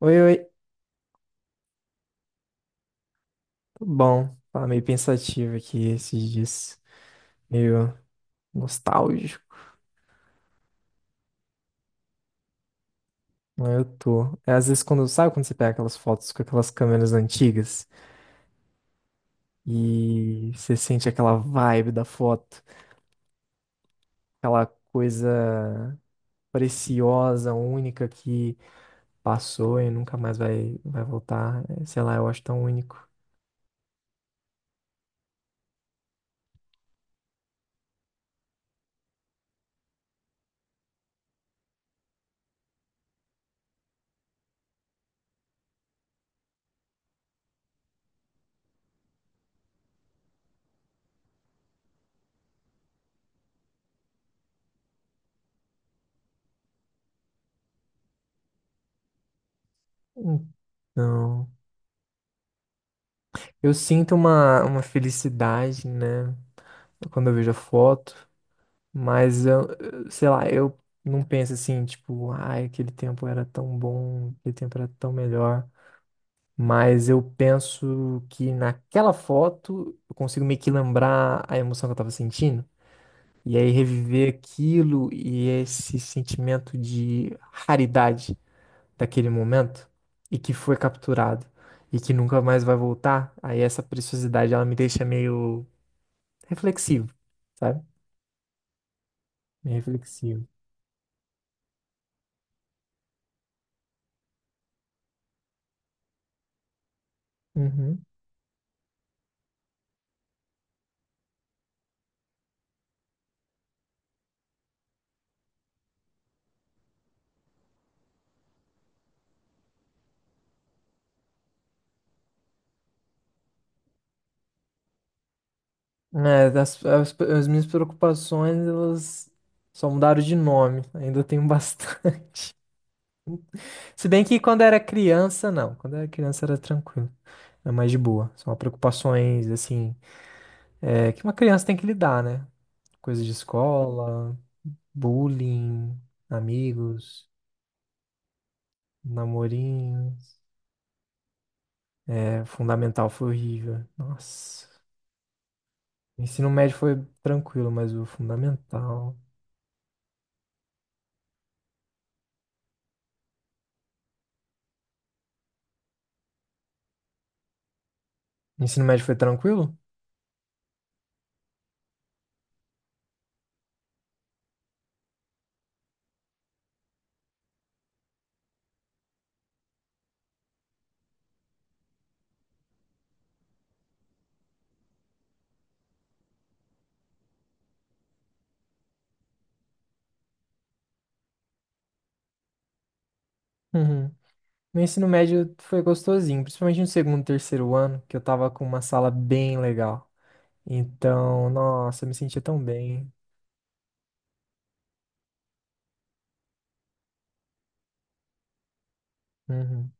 Oi, oi. Tudo bom? Tava meio pensativo aqui esses dias. Meio nostálgico. Mas eu tô. É, às vezes quando, sabe quando você pega aquelas fotos com aquelas câmeras antigas e você sente aquela vibe da foto, aquela coisa preciosa, única que passou e nunca mais vai voltar. É, sei lá, eu acho tão único. Então, eu sinto uma felicidade, né? Quando eu vejo a foto. Mas sei lá, eu não penso assim, tipo, ai, aquele tempo era tão bom, aquele tempo era tão melhor. Mas eu penso que naquela foto eu consigo meio que lembrar a emoção que eu tava sentindo. E aí reviver aquilo e esse sentimento de raridade daquele momento e que foi capturado e que nunca mais vai voltar. Aí essa preciosidade ela me deixa meio reflexivo, sabe? Meio reflexivo. Uhum. As minhas preocupações, elas só mudaram de nome. Ainda tenho bastante. Se bem que quando era criança, não. Quando era criança era tranquilo. Era mais de boa. São preocupações, assim, que uma criança tem que lidar, né? Coisa de escola, bullying, amigos, namorinhos. É, fundamental foi horrível. Nossa. O ensino médio foi tranquilo, mas o fundamental. O ensino médio foi tranquilo? Meu ensino médio foi gostosinho, principalmente no segundo, terceiro ano, que eu tava com uma sala bem legal. Então, nossa, eu me sentia tão bem. Uhum.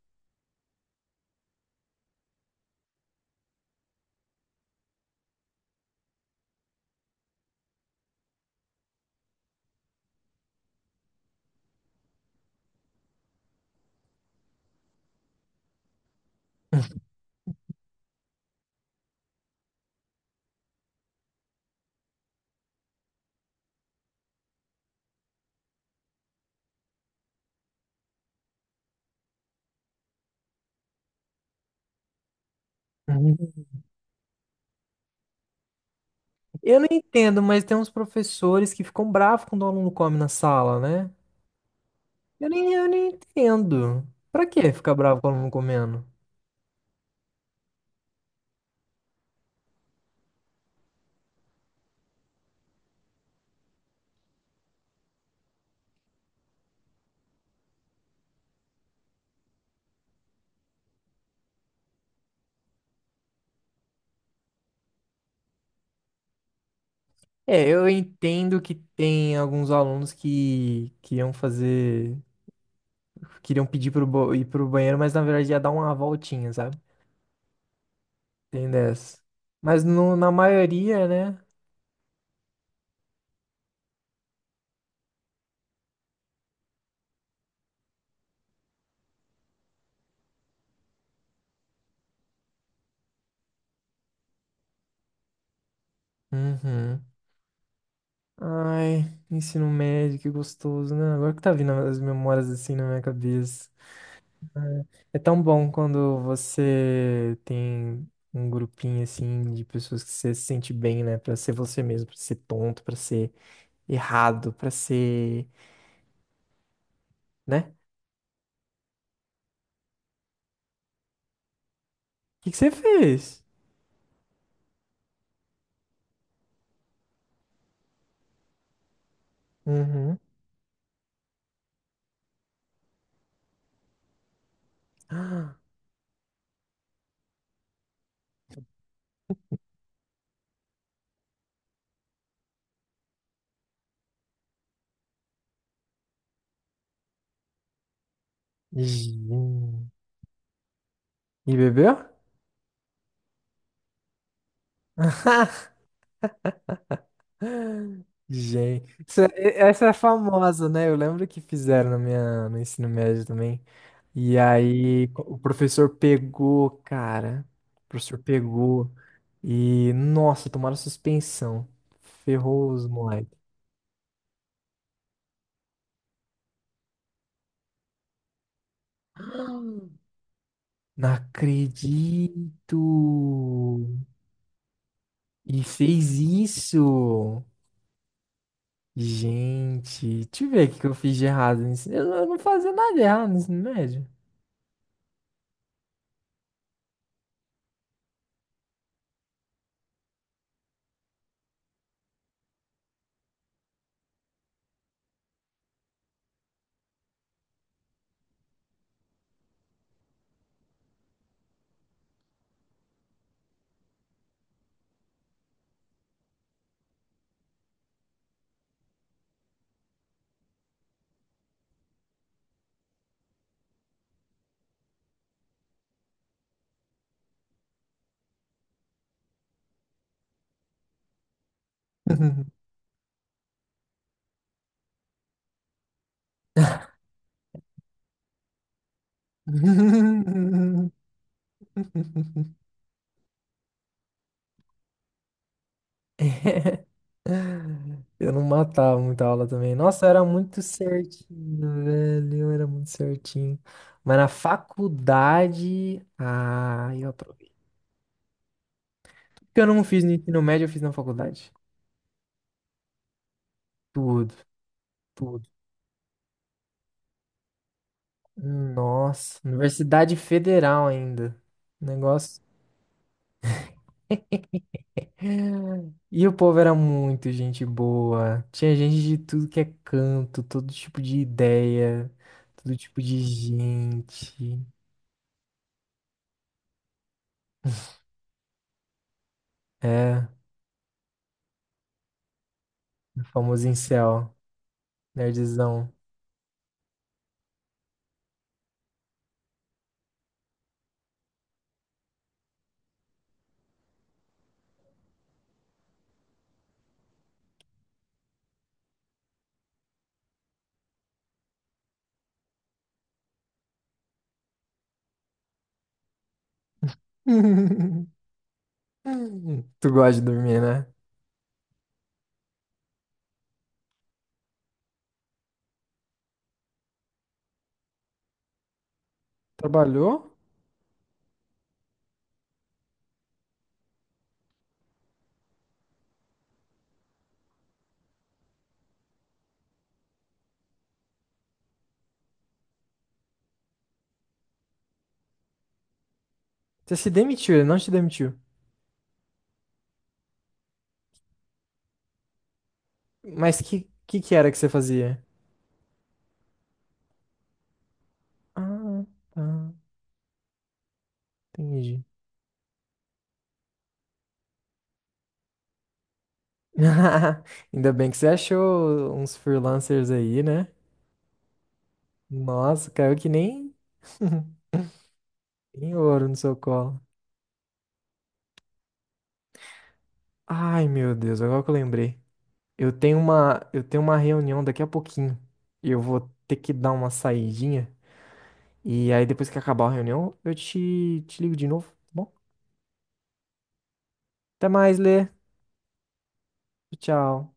Uhum. Eu não entendo, mas tem uns professores que ficam bravos quando o aluno come na sala, né? Eu nem entendo. Pra que ficar bravo com o aluno comendo? É, eu entendo que tem alguns alunos que iam fazer, queriam pedir pro, ir pro banheiro, mas na verdade ia dar uma voltinha, sabe? Tem dessa. Mas no, na maioria, né? Uhum. Ai, ensino médio, que gostoso, né? Agora que tá vindo as memórias assim na minha cabeça. É tão bom quando você tem um grupinho assim de pessoas que você se sente bem, né? Pra ser você mesmo, pra ser tonto, pra ser errado, pra ser, né? O que que você fez? Uhum. Ah, gin. E bebeu? Gente, essa é famosa, né? Eu lembro que fizeram na minha, no ensino médio também. E aí o professor pegou, cara. O professor pegou e, nossa, tomaram suspensão. Ferrou os moleques. Não acredito! E fez isso! Gente, deixa eu ver o que que eu fiz de errado Eu não fazia nada de errado no ensino médio. Eu não matava muita aula também. Nossa, eu era muito certinho, velho. Eu era muito certinho. Mas na faculdade. Ah, eu aproveitei. Porque eu não fiz no ensino médio, eu fiz na faculdade. Tudo, tudo. Nossa, Universidade Federal ainda. Negócio. E o povo era muito gente boa. Tinha gente de tudo que é canto, todo tipo de ideia, todo tipo de gente. É, famoso incel, nerdzão. Tu gosta de dormir, né? Trabalhou? Você se demitiu, ele não te demitiu. Mas que era que você fazia? Ah, tá, entendi. Ainda bem que você achou uns freelancers aí, né? Nossa, caiu que nem, nem ouro no seu colo. Ai, meu Deus, agora que eu lembrei. Eu tenho uma reunião daqui a pouquinho. E eu vou ter que dar uma saidinha. E aí, depois que acabar a reunião, eu te ligo de novo, tá bom? Até mais, Lê. Tchau.